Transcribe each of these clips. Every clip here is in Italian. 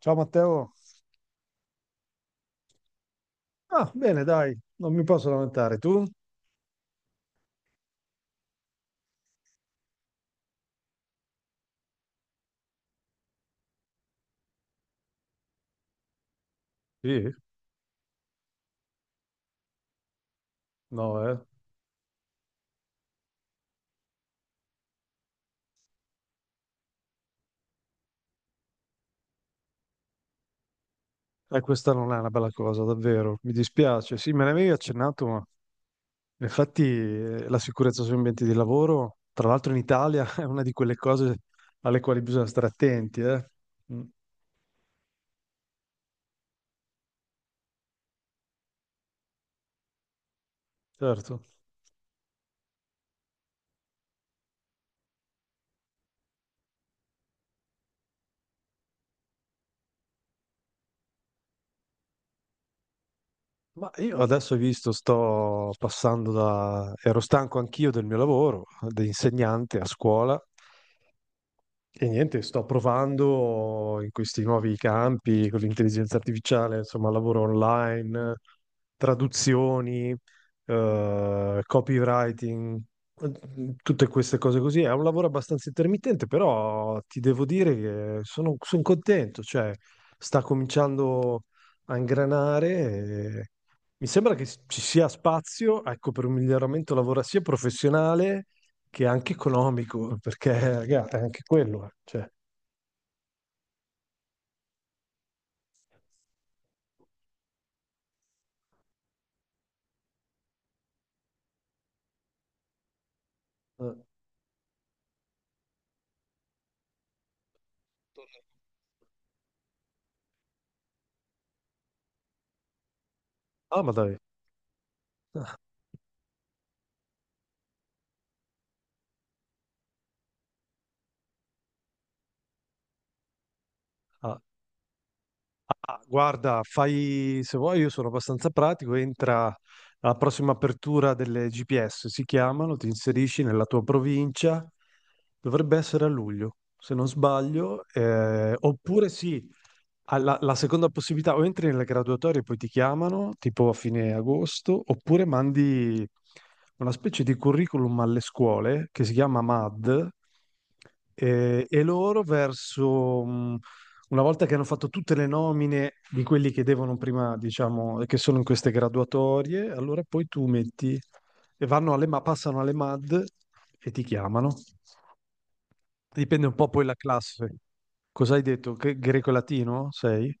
Ciao Matteo. Ah, bene, dai, non mi posso lamentare. Tu? Sì, no, eh. Questa non è una bella cosa, davvero. Mi dispiace. Sì, me ne avevi accennato, ma infatti la sicurezza sugli ambienti di lavoro, tra l'altro in Italia, è una di quelle cose alle quali bisogna stare attenti, eh. Mm, certo. Ma io adesso ho visto, sto passando da... ero stanco anch'io del mio lavoro, da insegnante a scuola. E niente, sto provando in questi nuovi campi con l'intelligenza artificiale, insomma, lavoro online, traduzioni, copywriting, tutte queste cose così. È un lavoro abbastanza intermittente, però ti devo dire che son contento, cioè sta cominciando a ingranare. E mi sembra che ci sia spazio, ecco, per un miglioramento lavora sia professionale che è anche economico, perché raga, è anche quello, cioè. Eh. Ah, ma dai. Ah, ah, guarda, fai se vuoi, io sono abbastanza pratico, entra alla prossima apertura delle GPS, si chiamano, ti inserisci nella tua provincia, dovrebbe essere a luglio, se non sbaglio, oppure sì, la seconda possibilità o entri nelle graduatorie e poi ti chiamano, tipo a fine agosto, oppure mandi una specie di curriculum alle scuole che si chiama MAD, e loro verso, una volta che hanno fatto tutte le nomine di quelli che devono prima, diciamo, e che sono in queste graduatorie, allora poi tu metti e vanno passano alle MAD e ti chiamano. Dipende un po' poi la classe. Cosa hai detto? Che greco-latino sei?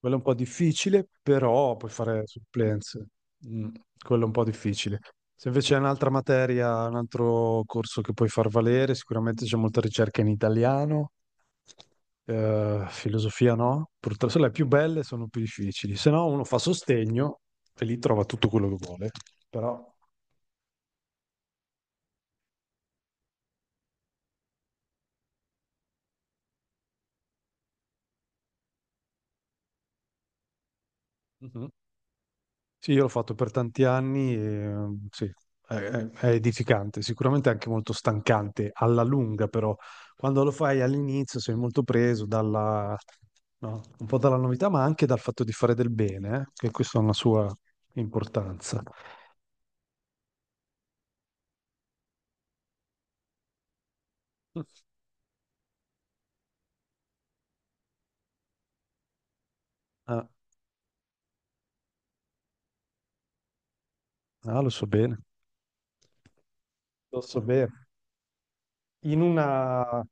Quello è un po' difficile, però puoi fare supplenze. Mm, quello è un po' difficile. Se invece è un'altra materia, un altro corso che puoi far valere, sicuramente c'è molta ricerca in italiano. Filosofia no, purtroppo se le più belle sono più difficili, se no uno fa sostegno e lì trova tutto quello che vuole, però... Mhm. Sì, io l'ho fatto per tanti anni e mhmm, sì, è edificante, sicuramente anche molto stancante alla lunga, però quando lo fai all'inizio sei molto preso dalla, no, un po' dalla novità, ma anche dal fatto di fare del bene, che questa ha una sua importanza. Ah, ah, lo so bene, lo so bene. In una...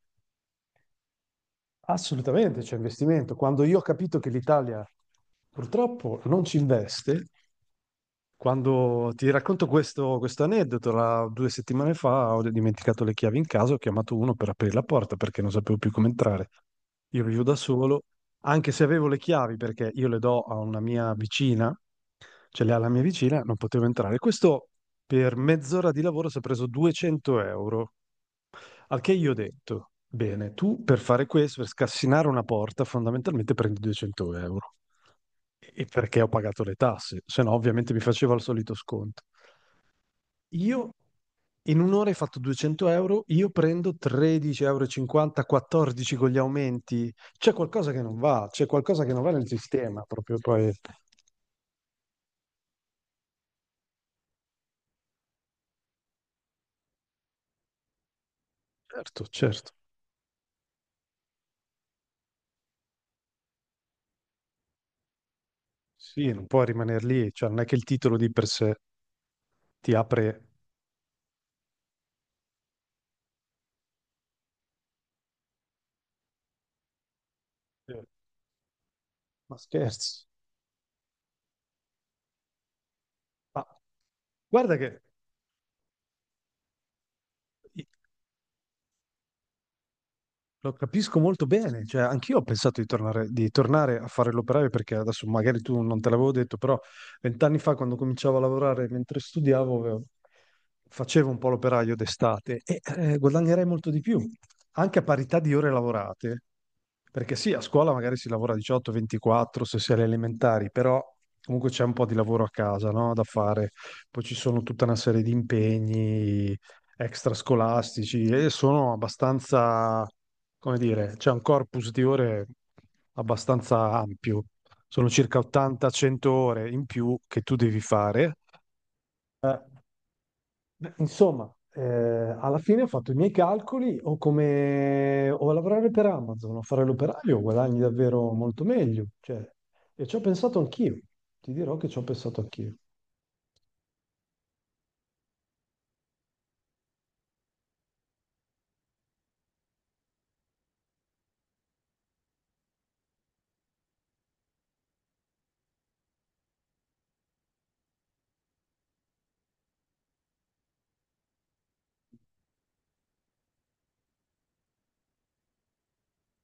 Assolutamente c'è investimento. Quando io ho capito che l'Italia purtroppo non ci investe, quando ti racconto questo aneddoto, 2 settimane fa ho dimenticato le chiavi in casa, ho chiamato uno per aprire la porta perché non sapevo più come entrare. Io vivo da solo, anche se avevo le chiavi perché io le do a una mia vicina, ce le ha la mia vicina, non potevo entrare. Questo per mezz'ora di lavoro si è preso 200 euro, al che io ho detto, bene, tu per fare questo, per scassinare una porta, fondamentalmente prendi 200 euro. E perché ho pagato le tasse, se no ovviamente mi faceva il solito sconto. Io In un'ora hai fatto 200 euro, io prendo 13,50 euro, 14 con gli aumenti. C'è qualcosa che non va, c'è qualcosa che non va nel sistema, proprio poi. Certo, certo. Sì, non può rimanere lì, cioè non è che il titolo di per sé ti apre. Eh, Ma scherzi. Ma guarda che lo capisco molto bene, cioè anch'io ho pensato di tornare a fare l'operaio perché adesso magari tu non te l'avevo detto, però vent'anni fa quando cominciavo a lavorare mentre studiavo facevo un po' l'operaio d'estate e guadagnerei molto di più, anche a parità di ore lavorate, perché sì, a scuola magari si lavora 18-24 se si è alle elementari, però comunque c'è un po' di lavoro a casa, no, da fare, poi ci sono tutta una serie di impegni, extrascolastici e sono abbastanza, come dire, c'è un corpus di ore abbastanza ampio. Sono circa 80-100 ore in più che tu devi fare. Beh, insomma, alla fine ho fatto i miei calcoli, o come o a lavorare per Amazon o fare l'operaio, guadagni davvero molto meglio. Cioè, e ci ho pensato anch'io. Ti dirò che ci ho pensato anch'io.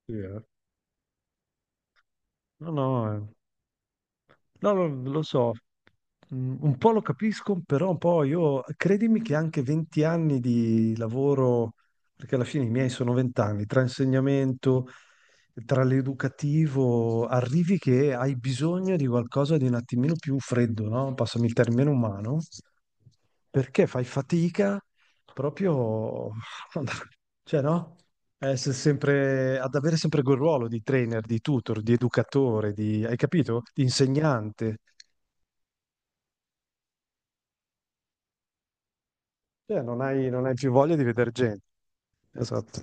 Sì, eh. No, no, eh. No, no, lo so. Un po' lo capisco, però un po' io, credimi che anche 20 anni di lavoro, perché alla fine i miei sono 20 anni, tra insegnamento, tra l'educativo, arrivi che hai bisogno di qualcosa di un attimino più freddo, no? Passami il termine umano, perché fai fatica proprio, cioè no? A essere sempre, ad avere sempre quel ruolo di trainer, di tutor, di educatore, di, hai capito? Di insegnante. Cioè, non hai più voglia di vedere gente. Esatto.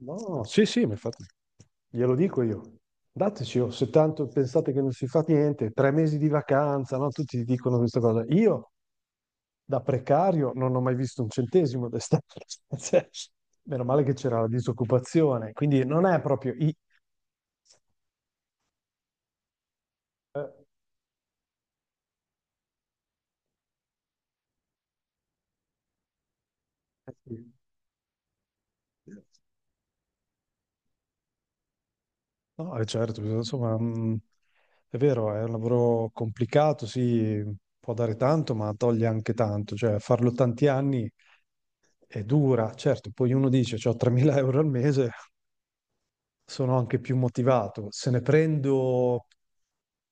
No, sì, sì, ma infatti, glielo dico io. Dateci, oh, se tanto pensate che non si fa niente, 3 mesi di vacanza, no? Tutti dicono questa cosa. Io, da precario, non ho mai visto un centesimo d'estate. Cioè, meno male che c'era la disoccupazione, quindi non è proprio... I... No, certo, insomma, è vero, è un lavoro complicato, sì, può dare tanto, ma toglie anche tanto, cioè farlo tanti anni è dura, certo, poi uno dice, ho 3.000 euro al mese, sono anche più motivato, se ne prendo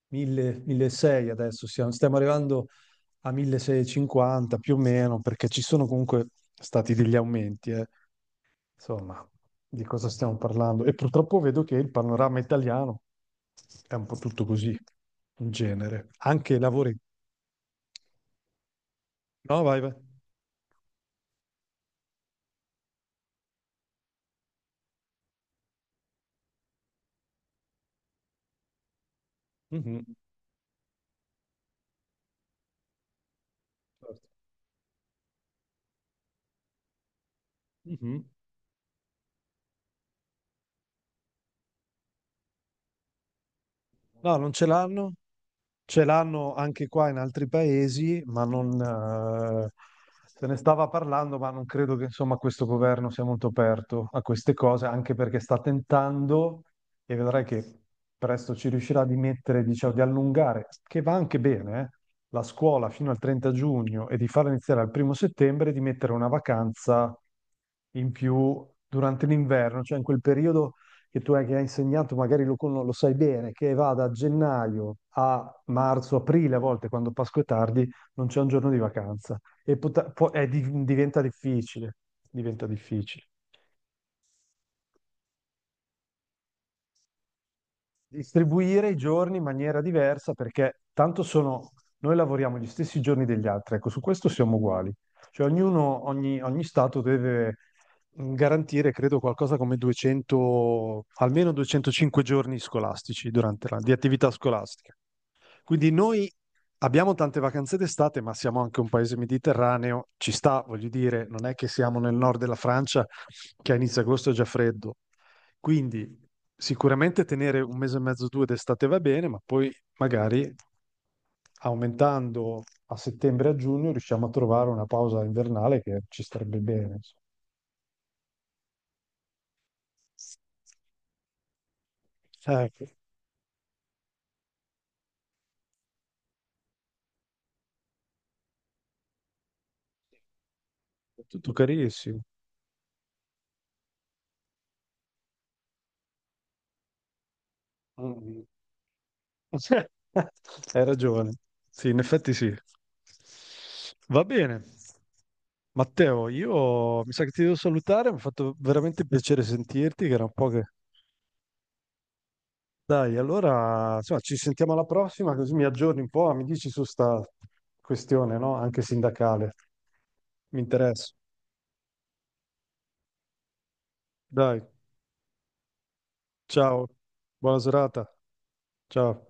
1000, 1600 adesso, stiamo arrivando a 1650 più o meno, perché ci sono comunque stati degli aumenti, eh. Insomma, di cosa stiamo parlando? E purtroppo vedo che il panorama italiano è un po' tutto così, in genere. Anche i lavori. No, vai, vai. Mhm. Certo. Mhm. No, non ce l'hanno. Ce l'hanno anche qua in altri paesi, ma non... se ne stava parlando, ma non credo che insomma questo governo sia molto aperto a queste cose, anche perché sta tentando, e vedrai che presto ci riuscirà, di mettere, diciamo, di allungare, che va anche bene, la scuola fino al 30 giugno e di farla iniziare al primo settembre, di mettere una vacanza in più durante l'inverno, cioè in quel periodo che tu hai insegnato, magari lo sai bene, che va da gennaio a marzo, aprile, a volte quando Pasqua è tardi, non c'è un giorno di vacanza e diventa difficile, diventa difficile. Distribuire i giorni in maniera diversa perché tanto sono, noi lavoriamo gli stessi giorni degli altri, ecco, su questo siamo uguali. Cioè ogni stato deve garantire, credo, qualcosa come 200, almeno 205 giorni scolastici durante di attività scolastica. Quindi noi abbiamo tante vacanze d'estate, ma siamo anche un paese mediterraneo, ci sta, voglio dire, non è che siamo nel nord della Francia che a inizio agosto è già freddo. Quindi sicuramente tenere un mese e mezzo, due d'estate va bene, ma poi magari aumentando a settembre e a giugno riusciamo a trovare una pausa invernale che ci starebbe bene. Insomma. Ecco, è tutto carissimo. Mm, mm. Hai ragione. Sì, in effetti sì. Va bene. Matteo, io mi sa che ti devo salutare, mi ha fatto veramente piacere sentirti, che era un po' che... Dai, allora, insomma, ci sentiamo alla prossima, così mi aggiorni un po', ah, mi dici su sta questione, no? Anche sindacale. Mi interessa. Dai, ciao, buona serata. Ciao.